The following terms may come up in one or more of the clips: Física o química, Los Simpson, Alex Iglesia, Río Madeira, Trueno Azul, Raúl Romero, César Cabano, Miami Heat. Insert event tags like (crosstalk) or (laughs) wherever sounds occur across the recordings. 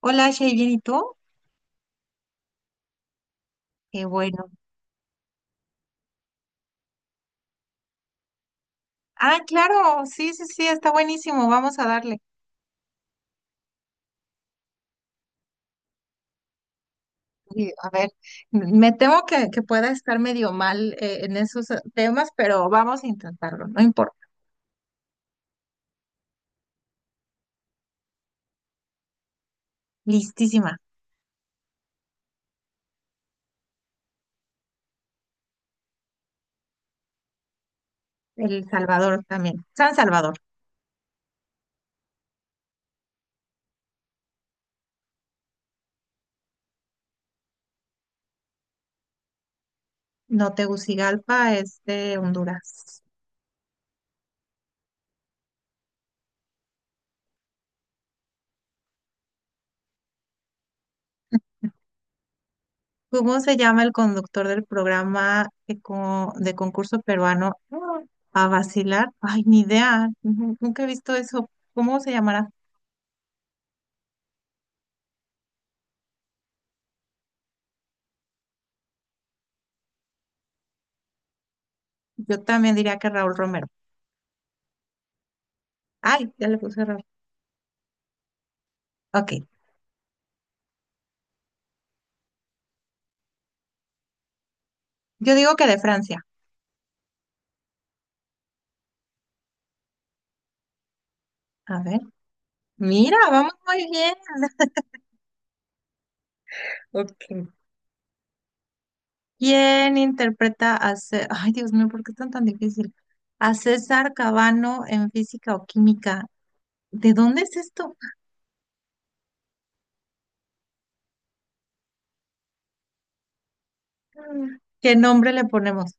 Hola, Shay, ¿bien y tú? Qué bueno. Ah, claro, sí, sí, sí, está buenísimo, vamos a darle. Y, a ver, me temo que pueda estar medio mal en esos temas, pero vamos a intentarlo, no importa. Listísima. El Salvador también. San Salvador, no Tegucigalpa, es de Honduras. ¿Cómo se llama el conductor del programa de, de concurso peruano? A vacilar. Ay, ni idea, ujú, nunca he visto eso. ¿Cómo se llamará? Yo también diría que Raúl Romero. Ay, ya le puse error. Ok, yo digo que de Francia. A ver, mira, vamos muy bien. Ok. ¿Quién interpreta a César? Ay, Dios mío, ¿por qué es tan tan difícil? A César Cabano en física o química. ¿De dónde es esto? Mm. ¿Qué nombre le ponemos?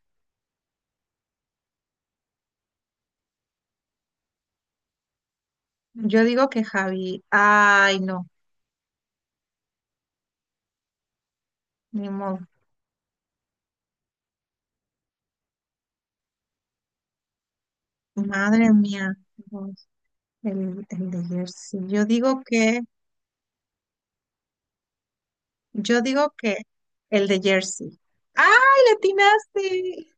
Yo digo que Javi. Ay, no, ni modo. Madre mía, Dios, el de Jersey. Yo digo que el de Jersey. ¡Ay, le atinaste!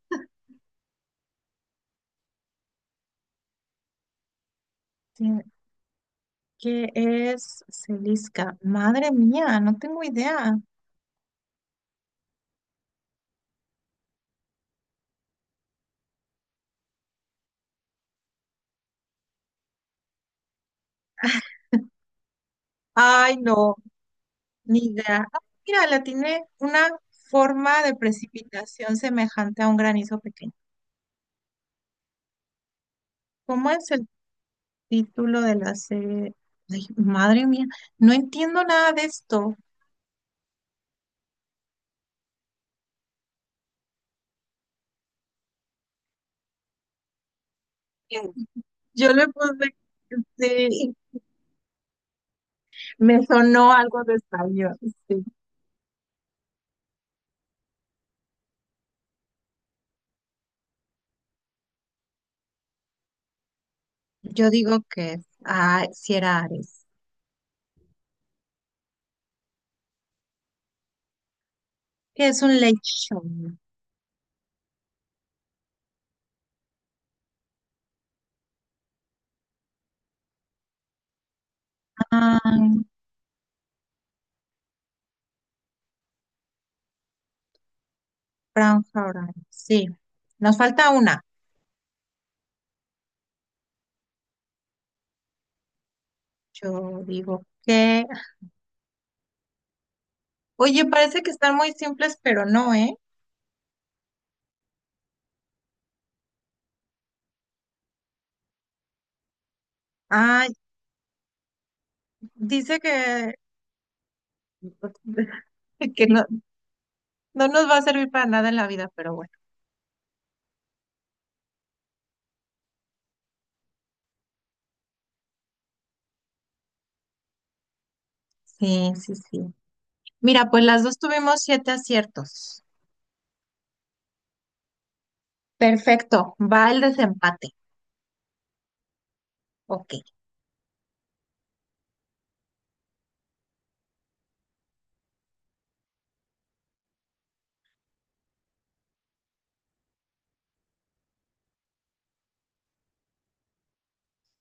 Sí. ¿Qué es Celisca? Madre mía, no tengo idea. Ay, no, ni idea. Ah, mira, la tiene una forma de precipitación semejante a un granizo pequeño. ¿Cómo es el título de la serie? Ay, madre mía, no entiendo nada de esto. Yo le puse, sí, me sonó algo de español, sí. Yo digo que, ah, si era Ares. ¿Que es un late show? Ay, franja horaria. Sí, nos falta una. Yo digo que, oye, parece que están muy simples, pero no, ¿eh? Ah, dice que, (laughs) que no, no nos va a servir para nada en la vida, pero bueno. Sí, sí, sí. Mira, pues las dos tuvimos 7 aciertos. Perfecto, va el desempate. Ok,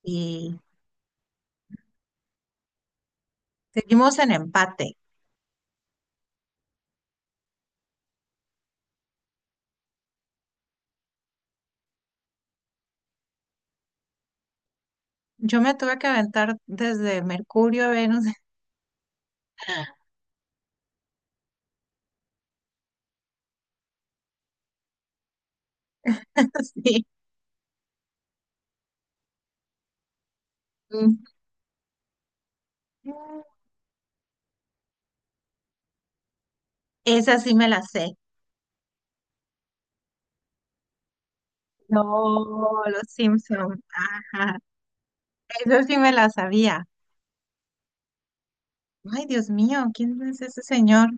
y seguimos en empate. Yo me tuve que aventar desde Mercurio a Venus. (laughs) Sí. Mm. Esa sí me la sé. No, los Simpson. Ajá, eso sí me la sabía. Ay, Dios mío, ¿quién es ese señor?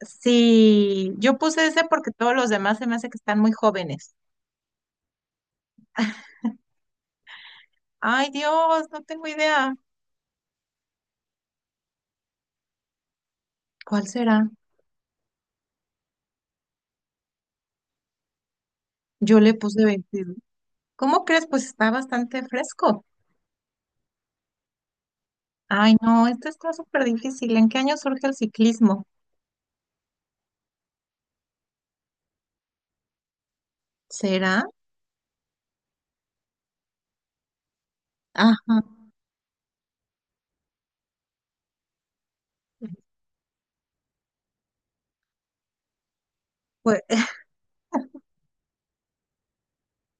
Sí, yo puse ese porque todos los demás se me hace que están muy jóvenes. Ay, Dios, no tengo idea. ¿Cuál será? Yo le puse 22. ¿Cómo crees? Pues está bastante fresco. Ay, no, esto está súper difícil. ¿En qué año surge el ciclismo? ¿Será? Ajá. Pues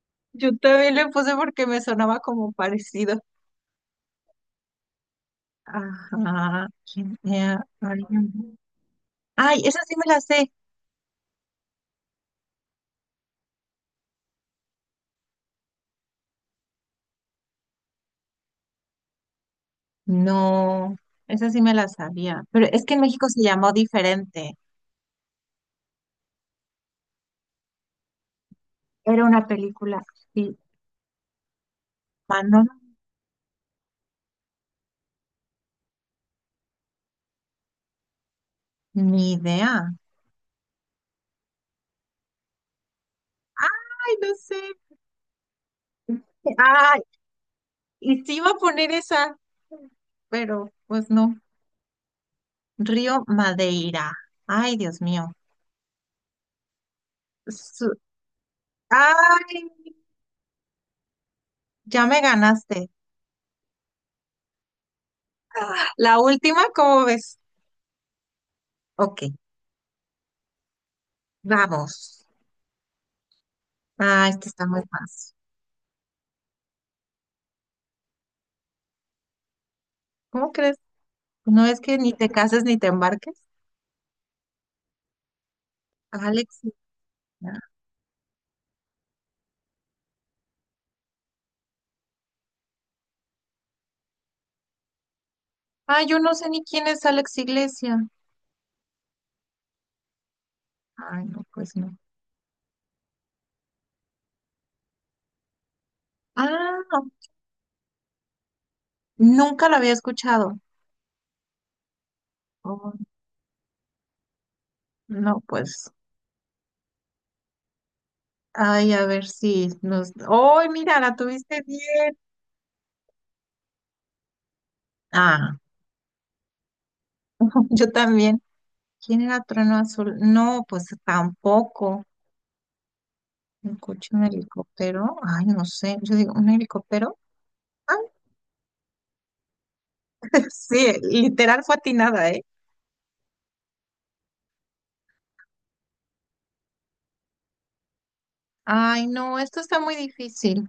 (laughs) yo también le puse porque me sonaba como parecido. Ajá. ¿Quién era? Ay, no. Ay, esa sí me la sé. No, esa sí me la sabía. Pero es que en México se llamó diferente. Era una película. Sí, Manolo, ni idea. Ay, no sé. Ay, y sí iba a poner esa, pero pues no. Río Madeira. Ay, Dios mío. Su- ay, ya me ganaste. La última, ¿cómo ves? Ok, vamos. Ay, esta está muy fácil. ¿Cómo crees? No es que ni te cases ni te embarques. Alex. Ah, yo no sé ni quién es Alex Iglesia. Ay, no, pues no. Ah, nunca lo había escuchado. Oh, no, pues. Ay, a ver si nos. ¡Oh, mira, la tuviste bien! Ah, (laughs) yo también. ¿Quién era Trueno Azul? No, pues tampoco. ¿Un coche, un helicóptero? Ay, no sé. Yo digo, ¿un helicóptero? Ah, (laughs) sí, literal fue atinada, ¿eh? Ay, no, esto está muy difícil.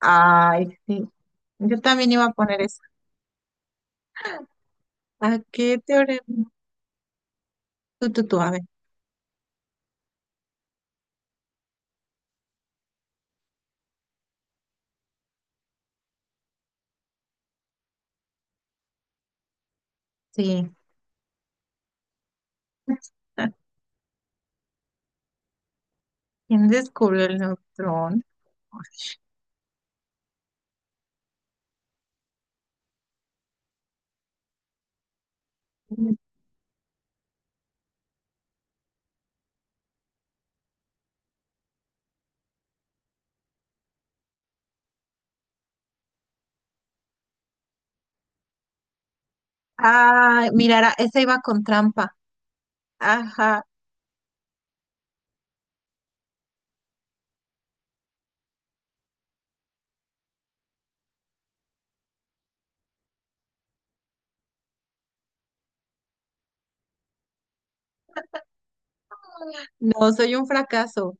Ay, sí. Yo también iba a poner ¿a qué teorema? Tú, a ver. Sí. (laughs) ¿Quién descubrió el neutrón? Ah, mirara, esa iba con trampa. Ajá. No, soy un fracaso.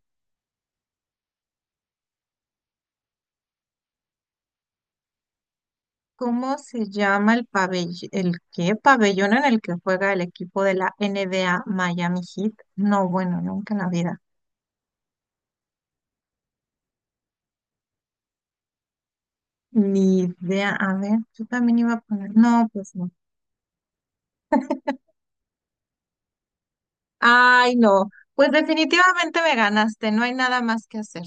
¿Cómo se llama el pabellón, el qué pabellón en el que juega el equipo de la NBA Miami Heat? No, bueno, nunca en la vida. Ni idea. A ver, yo también iba a poner. No, pues no. Ay, no. Pues definitivamente me ganaste. No hay nada más que hacer.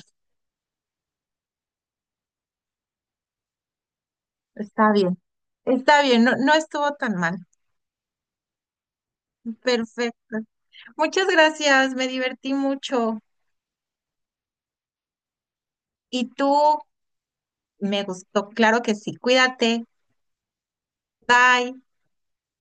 Está bien, está bien, no, no estuvo tan mal. Perfecto. Muchas gracias, me divertí mucho. Y tú, me gustó, claro que sí. Cuídate. Bye.